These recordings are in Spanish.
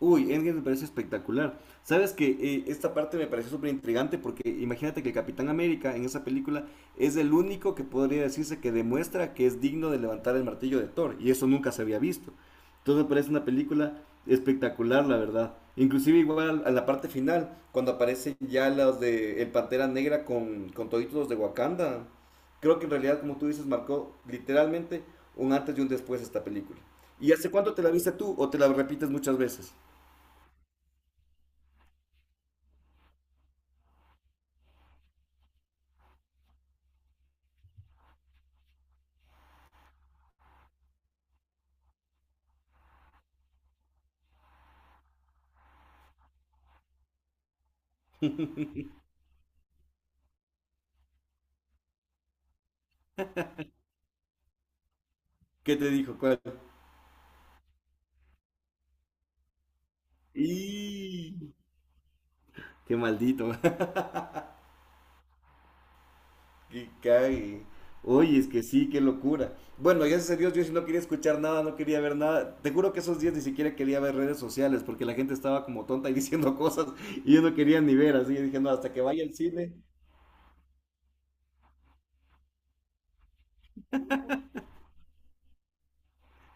Uy, Endgame me parece espectacular. Sabes que esta parte me pareció súper intrigante porque imagínate que el Capitán América en esa película es el único que podría decirse que demuestra que es digno de levantar el martillo de Thor y eso nunca se había visto. Entonces me parece una película espectacular, la verdad. Inclusive igual a la parte final, cuando aparecen ya los de el Pantera Negra con toditos los de Wakanda. Creo que en realidad, como tú dices, marcó literalmente un antes y un después esta película. ¿Y hace cuánto te la viste tú o te la repites muchas veces? ¿Qué te dijo? ¿Cuál? ¡Y! ¡Qué maldito! ¡Qué cague! Oye, es que sí, qué locura. Bueno, gracias a Dios, yo sí no quería escuchar nada, no quería ver nada. Te juro que esos días ni siquiera quería ver redes sociales porque la gente estaba como tonta y diciendo cosas y yo no quería ni ver. Así que dije, no, hasta que vaya al cine.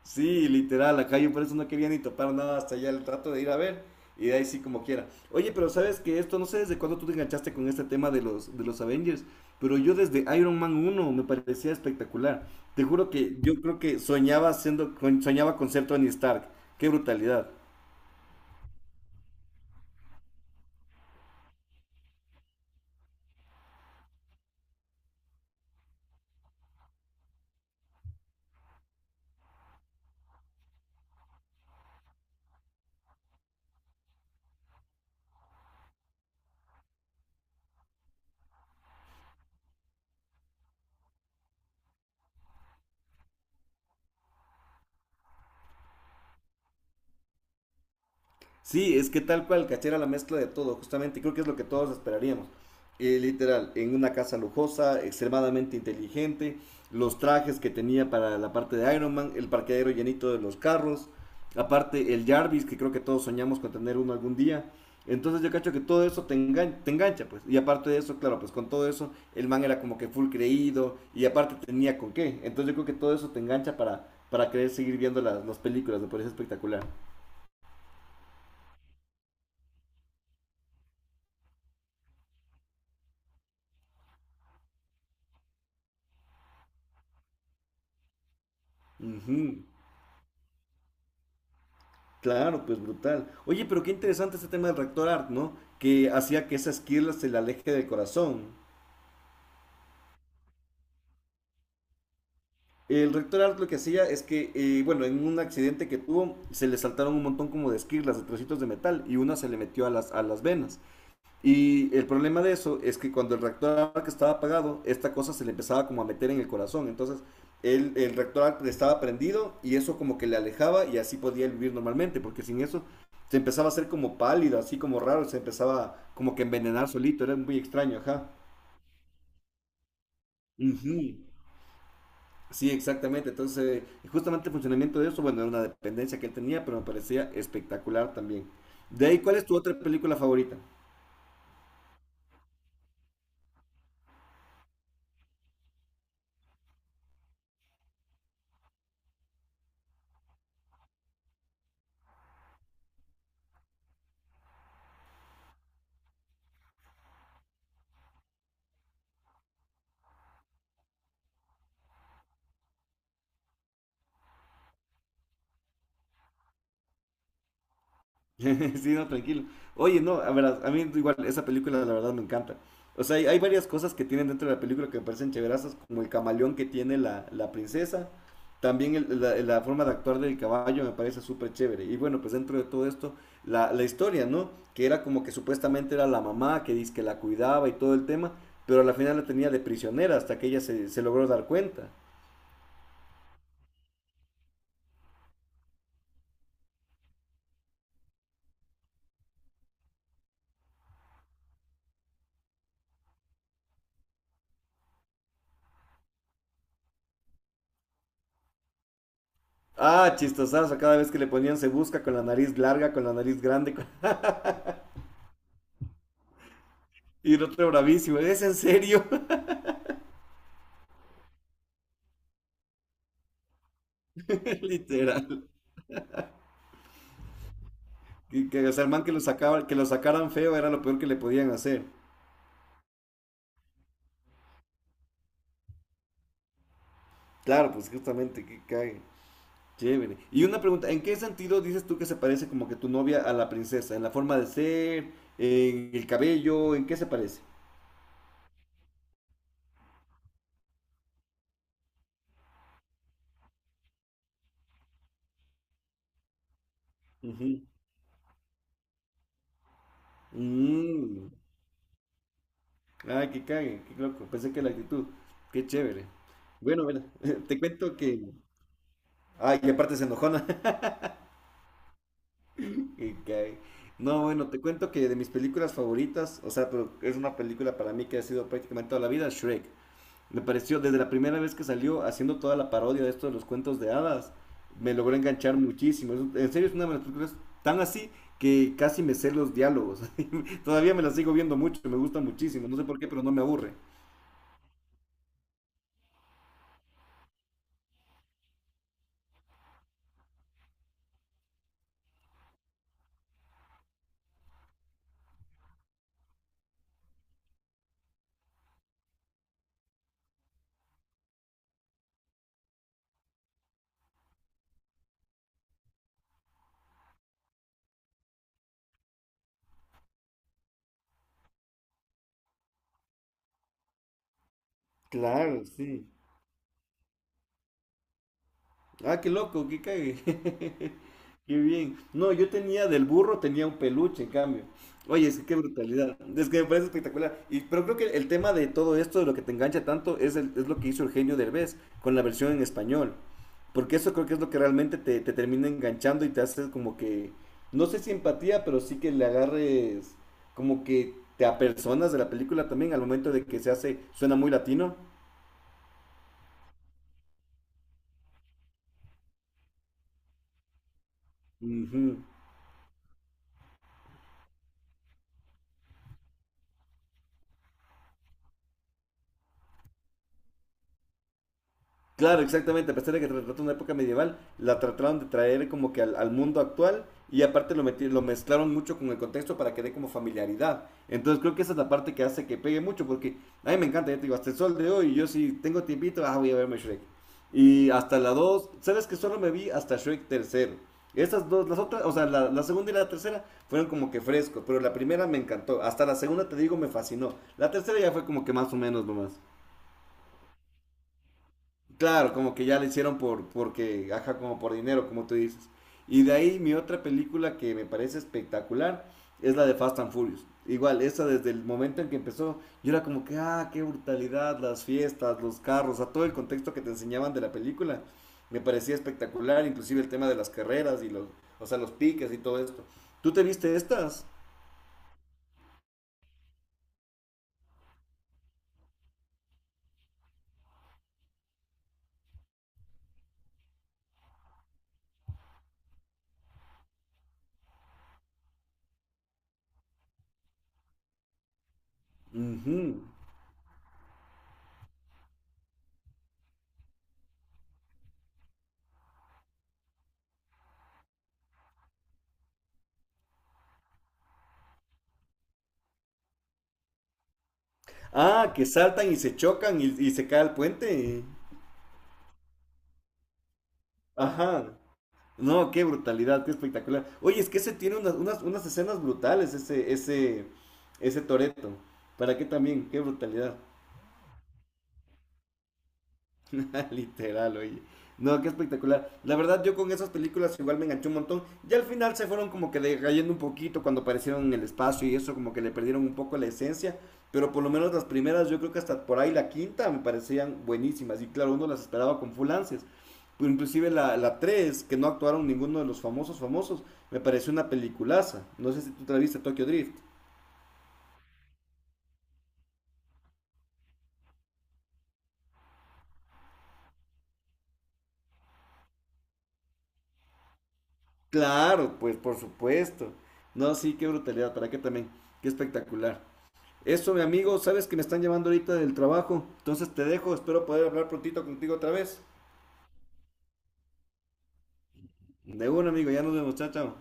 Sí, literal, acá yo por eso no quería ni topar nada hasta allá el rato de ir a ver. Y de ahí sí como quiera. Oye, pero sabes que esto, no sé desde cuándo tú te enganchaste con este tema de los Avengers, pero yo desde Iron Man uno me parecía espectacular. Te juro que yo creo que soñaba siendo, soñaba con ser Tony Stark. Qué brutalidad. Sí, es que tal cual, cachera la mezcla de todo, justamente, creo que es lo que todos esperaríamos. Literal, en una casa lujosa, extremadamente inteligente, los trajes que tenía para la parte de Iron Man, el parqueadero llenito de los carros, aparte el Jarvis, que creo que todos soñamos con tener uno algún día. Entonces yo cacho que todo eso te te engancha, pues. Y aparte de eso, claro, pues con todo eso, el man era como que full creído y aparte tenía con qué. Entonces yo creo que todo eso te engancha para querer seguir viendo las películas, me parece espectacular. Ujú. Claro, pues brutal. Oye, pero qué interesante este tema del Rector Art, ¿no? Que hacía que esa esquirla se le aleje del corazón. El Rector Art lo que hacía es que, bueno, en un accidente que tuvo, se le saltaron un montón como de esquirlas, de trocitos de metal, y una se le metió a las venas. Y el problema de eso es que cuando el reactor que estaba apagado, esta cosa se le empezaba como a meter en el corazón. Entonces, el reactor estaba prendido y eso como que le alejaba y así podía vivir normalmente, porque sin eso se empezaba a hacer como pálido, así como raro, se empezaba como que a envenenar solito, era muy extraño, ajá. Ujú. Sí, exactamente. Entonces, justamente el funcionamiento de eso, bueno, era una dependencia que él tenía, pero me parecía espectacular también. De ahí, ¿cuál es tu otra película favorita? Sí, no, tranquilo. Oye, no, a ver, a mí igual esa película la verdad me encanta. O sea, hay varias cosas que tienen dentro de la película que me parecen chéverasas, como el camaleón que tiene la princesa. También la forma de actuar del caballo me parece súper chévere. Y bueno, pues dentro de todo esto, la historia, ¿no? Que era como que supuestamente era la mamá que dice que la cuidaba y todo el tema, pero a la final la tenía de prisionera hasta que ella se logró dar cuenta. Ah, chistosazo, cada vez que le ponían se busca con la nariz larga, con la nariz grande. Y el otro bravísimo, ¿es en serio? Literal. O sea, el man que que lo sacaran feo era lo peor que le podían hacer. Claro, pues justamente, que cague. Chévere. Y una pregunta, ¿en qué sentido dices tú que se parece como que tu novia a la princesa? ¿En la forma de ser? ¿En el cabello? ¿En qué se parece? Ujú. Mm. Ay, que cague, qué loco. Pensé que la actitud. Qué chévere. Bueno, mira, te cuento que... Ay, y aparte se enojona. Y que- No, bueno, te cuento que de mis películas favoritas, o sea, pero es una película para mí que ha sido prácticamente toda la vida, Shrek. Me pareció, desde la primera vez que salió, haciendo toda la parodia de esto de los cuentos de hadas, me logró enganchar muchísimo. En serio, es una de las películas tan así que casi me sé los diálogos. Todavía me la sigo viendo mucho, me gusta muchísimo. No sé por qué, pero no me aburre. Claro, sí. Ah, qué loco, qué cague. Qué bien. No, yo tenía del burro, tenía un peluche, en cambio. Oye, es que qué brutalidad. Es que me parece espectacular. Y, pero creo que el tema de todo esto, de lo que te engancha tanto, es, es lo que hizo Eugenio Derbez con la versión en español. Porque eso creo que es lo que realmente te termina enganchando y te hace como que, no sé si empatía, pero sí que le agarres como que te apersonas de la película también al momento de que se hace, suena muy latino. Ujú. Claro, exactamente. A pesar de que trata una época medieval, la trataron de traer como que al mundo actual y aparte lo lo mezclaron mucho con el contexto para que dé como familiaridad. Entonces creo que esa es la parte que hace que pegue mucho porque a mí me encanta, ya te digo, hasta el sol de hoy, yo si tengo tiempito, ah, voy a verme Shrek. Y hasta la 2, sabes que solo me vi hasta Shrek tercero. Esas dos, las otras, o sea, la segunda y la tercera fueron como que frescos, pero la primera me encantó. Hasta la segunda, te digo, me fascinó. La tercera ya fue como que más o menos nomás. Claro, como que ya la hicieron por, porque, ajá, como por dinero, como tú dices. Y de ahí mi otra película que me parece espectacular es la de Fast and Furious. Igual, esa desde el momento en que empezó, yo era como que, ah, qué brutalidad, las fiestas, los carros, a todo el contexto que te enseñaban de la película, me parecía espectacular, inclusive el tema de las carreras y los, o sea, los piques y todo esto. ¿Tú te viste estas? Ujú. Ah, que saltan y se chocan y se cae el puente. Ajá. No, qué brutalidad, qué espectacular. Oye, es que ese tiene unas, unas, unas escenas brutales, ese Toreto. ¿Para qué también? Qué brutalidad. Literal, oye. No, qué espectacular. La verdad, yo con esas películas igual me enganché un montón. Ya al final se fueron como que decayendo un poquito cuando aparecieron en el espacio y eso, como que le perdieron un poco la esencia. Pero por lo menos las primeras, yo creo que hasta por ahí la quinta me parecían buenísimas. Y claro, uno las esperaba con full ansias. Pero inclusive la 3 que no actuaron ninguno de los famosos famosos, me pareció una peliculaza. No sé si tú te la viste, Tokyo Drift. Claro, pues por supuesto. No, sí, qué brutalidad. ¿Para qué también? Qué espectacular. Eso, mi amigo, sabes que me están llamando ahorita del trabajo. Entonces te dejo, espero poder hablar prontito contigo otra vez. De un amigo, ya nos vemos, chao, chao.